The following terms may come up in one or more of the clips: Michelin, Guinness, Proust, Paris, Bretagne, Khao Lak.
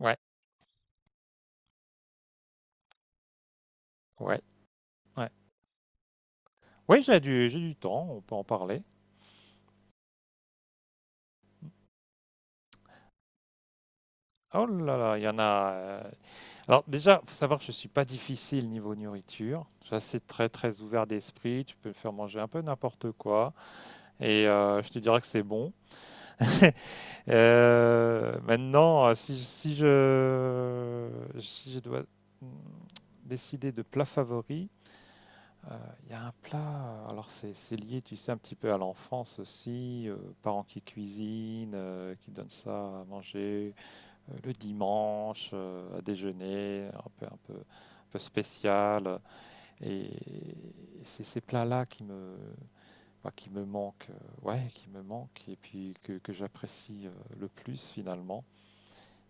Ouais, ouais, ouais. Oui, j'ai du temps, on peut en parler. Oh là là, il y en a. Alors déjà, faut savoir que je suis pas difficile niveau nourriture. Je suis assez très très ouvert d'esprit. Tu peux me faire manger un peu n'importe quoi et je te dirais que c'est bon. Maintenant, si je dois mm, décider de plat favori. Euh, Il y a un plat, alors c'est lié, tu sais, un petit peu à l'enfance aussi, parents qui cuisinent, qui donnent ça à manger le dimanche, à déjeuner, un peu, un peu, un peu spécial. Et, c'est ces plats-là bah, qui me manquent, ouais, qui me manquent, et puis que j'apprécie le plus finalement.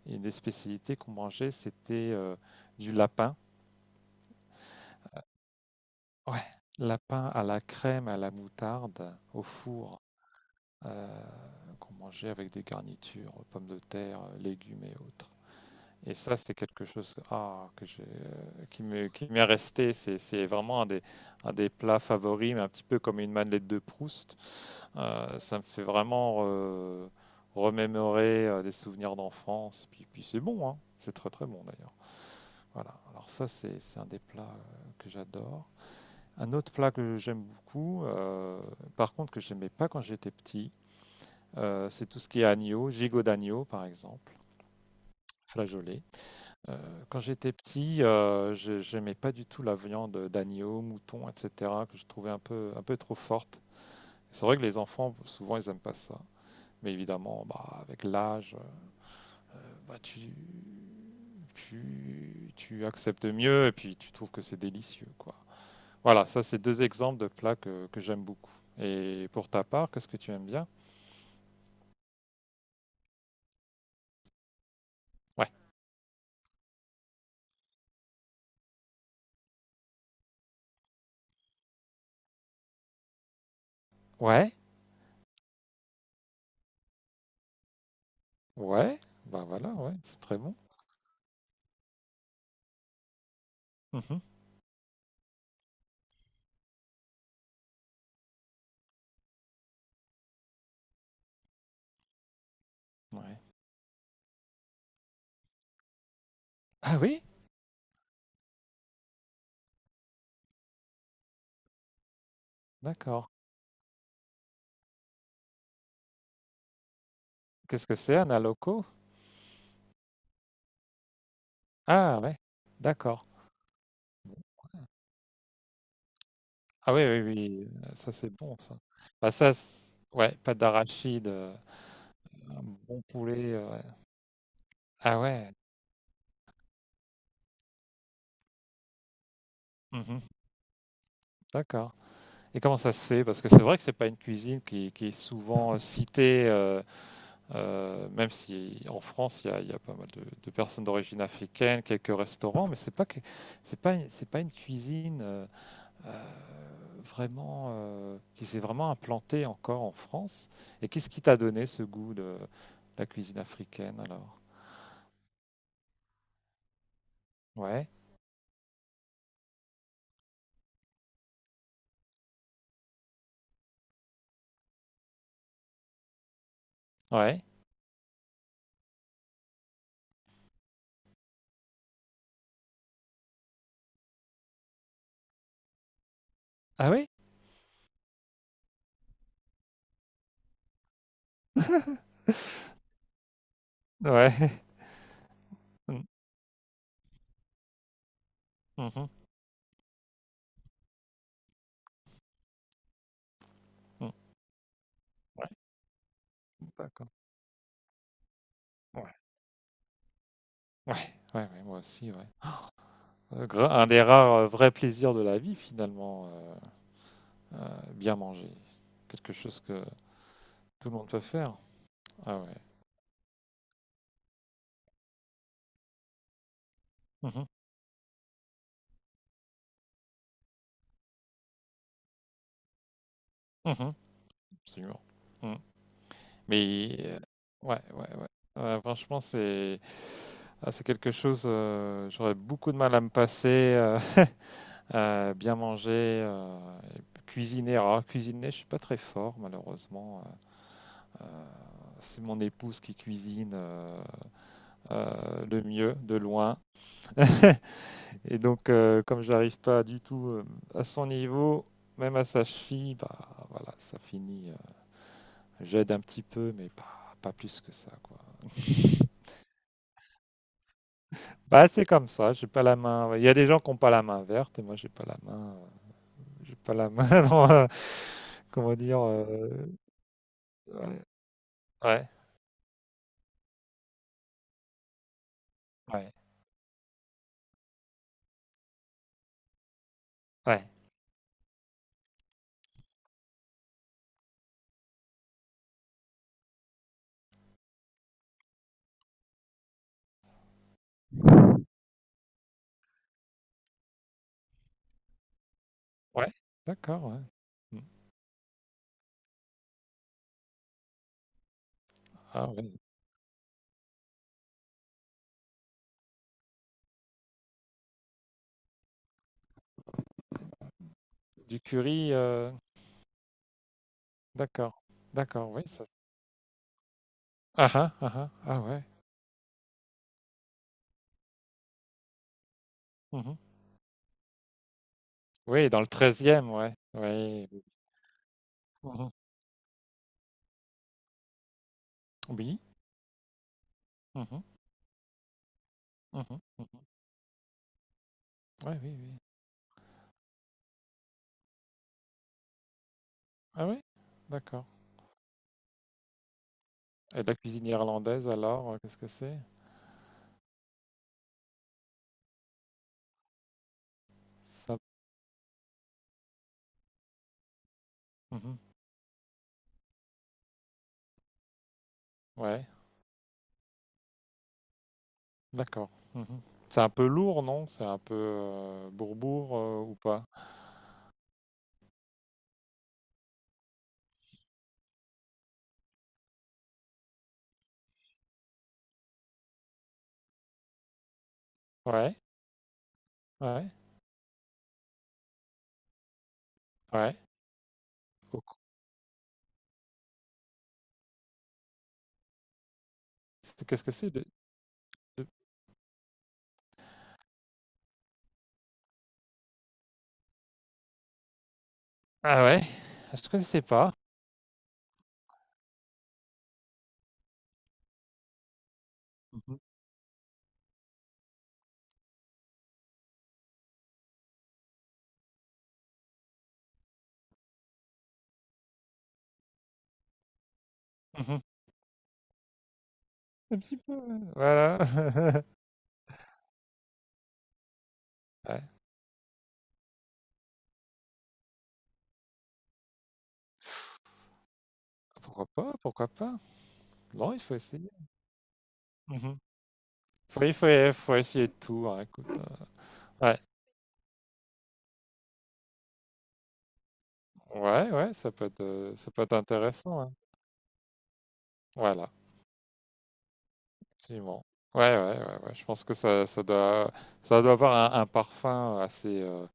Et une des spécialités qu'on mangeait, c'était du lapin. Ouais, lapin à la crème, à la moutarde, au four. euh, qu'on mangeait avec des garnitures, pommes de terre, légumes et autres. Et ça, c'est quelque chose ah, que j'ai, qui m'est resté. C'est vraiment un des plats favoris, mais un petit peu comme une madeleine de Proust. Ça me fait vraiment remémorer des souvenirs d'enfance. Puis c'est bon, hein. C'est très très bon d'ailleurs. Voilà. Alors ça, c'est un des plats que j'adore. Un autre plat que j'aime beaucoup, par contre que j'aimais pas quand j'étais petit, c'est tout ce qui est agneau, gigot d'agneau par exemple, flageolet. Quand j'étais petit, j'aimais pas du tout la viande d'agneau, mouton, etc., que je trouvais un peu trop forte. C'est vrai que les enfants, souvent, ils aiment pas ça. Mais évidemment, bah, avec l'âge, bah, tu acceptes mieux et puis tu trouves que c'est délicieux, quoi. Voilà, ça, c'est deux exemples de plats que j'aime beaucoup. Et pour ta part, qu'est-ce que tu aimes bien? Ouais, ouais, ouais, bah voilà, ouais, c'est très bon. Mhm. Ouais. Ah oui? D'accord. Qu'est-ce que c'est un aloco? Ah ouais, d'accord. Ah oui, oui, oui, ça c'est bon ça. Bah ça, ouais, pâte d'arachide, un bon poulet. Ouais. Ah ouais, mhm, d'accord. Et comment ça se fait? Parce que c'est vrai que c'est pas une cuisine qui est souvent citée, même si en France il y a pas mal de personnes d'origine africaine, quelques restaurants, mais c'est pas que, c'est pas une cuisine. Vraiment, qui s'est vraiment implanté encore en France. Et qu'est-ce qui t'a donné ce goût de la cuisine africaine alors? Ouais, ouais. Ah oui? Ouais. Mm, mhm, mm. Ouais, d'accord. Ouais, ouais, ouais, ouais, moi aussi, ouais. Un des rares vrais plaisirs de la vie, finalement, bien manger. Quelque chose que tout le monde peut faire. Ah ouais. Mhm, mhm, absolument. Mmh. Mais ouais, ouais, ouais. Ouais, franchement, c'est quelque chose. J'aurais beaucoup de mal à me passer. euh, bien manger, et cuisiner. Alors, cuisiner, je suis pas très fort, malheureusement. Euh, euh, c'est mon épouse qui cuisine le mieux, de loin. Et donc, comme j'arrive pas du tout à son niveau, même à sa cheville, bah voilà, ça finit. J'aide un petit peu, mais pas plus que ça, quoi. Bah, c'est comme ça, j'ai pas la main, ouais. Il y a des gens qui n'ont pas la main verte et moi j'ai pas la main. J'ai pas la main. dans, comment dire. Ouais, ouais, ouais, ouais. ouais, d'accord, ouais. Mm. Ah ouais. Du curry, d'accord, d'accord, oui. Ah ah, ah ah, ah ouais. mhm. Oui, dans le treizième e ouais. Oui. mhm. Oui. mhm, mhm, mhm. Ouais, oui, oui. Ah oui, d'accord. Et la cuisine irlandaise alors, qu'est-ce que c'est? Ça... mhm, Ouais. D'accord. Mmh. C'est un peu lourd, non? C'est un peu, bourre-bourre, ou pas? Ouais, ouais, ouais. Co co c'est Qu'est-ce que c'est de ah ouais? Je connaissais pas. Mmh mh. Mmh. Voilà. Ouais. Pourquoi pas? Pourquoi pas? Non, il faut essayer. Mmh. Faut il faut il faut essayer de tout, hein, écoute, ouais. Ouais, ouais, ça peut être intéressant, hein. Voilà, absolument. Ouais, ouais, ouais, ouais, je pense que ça doit avoir un parfum assez.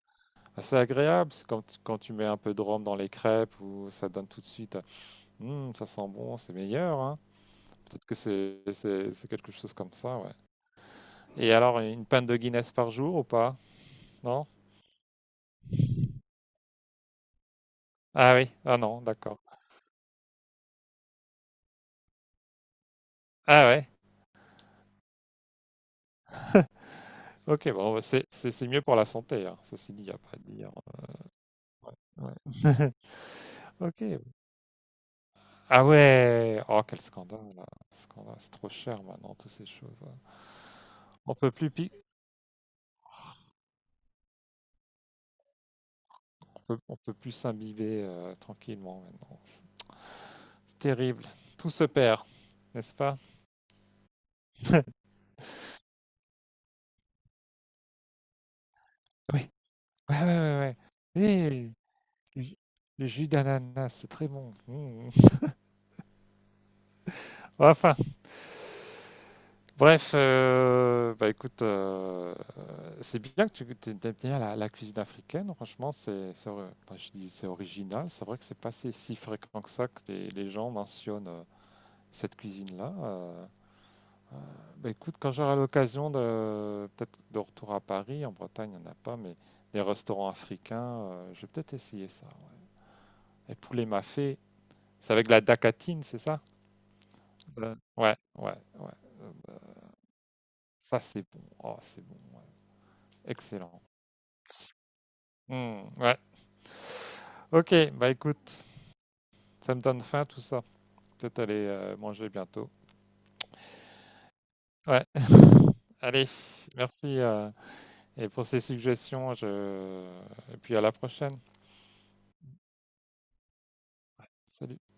C'est agréable, c'est quand, quand tu mets un peu de rhum dans les crêpes ou ça donne tout de suite, hum, ça sent bon, c'est meilleur, hein. Peut-être que c'est quelque chose comme ça, ouais. Et alors, une pinte de Guinness par jour ou pas? Non? Ah oui, ah non, d'accord. Ah ouais, ok, bon, bah, c'est mieux pour la santé, hein. Ceci dit, il n'y a pas à dire. Ouais. Ouais. Ok. Ah ouais, oh quel scandale, là. Scandale, c'est trop cher maintenant, toutes ces choses, hein. On peut plus pi- on peut plus s'imbiber tranquillement maintenant. Terrible. Tout se perd, n'est-ce pas? Oui. Ouais, ouais, ouais, ouais. Eh, le jus le jus d'ananas, c'est très bon. Mmh. Enfin, bref, bah écoute, c'est bien que tu aimes bien la cuisine africaine. Franchement, enfin, je dis c'est original. C'est vrai que c'est pas si fréquent que ça que les gens mentionnent cette cuisine-là. Euh, Bah, écoute, quand j'aurai l'occasion de peut-être de retour à Paris, en Bretagne, il n'y en a pas, mais des restaurants africains, je vais peut-être essayer ça, ouais. Et poulet mafé, c'est avec la dacatine, c'est ça? Ouais, ouais, ouais. Euh, Ça, c'est bon. Oh, c'est bon, ouais. Excellent. Hmm, ouais. Ok, bah écoute, ça me donne faim tout ça. Peut-être aller manger bientôt. Ouais. Allez, merci et pour ces suggestions. Et puis à la prochaine. Salut.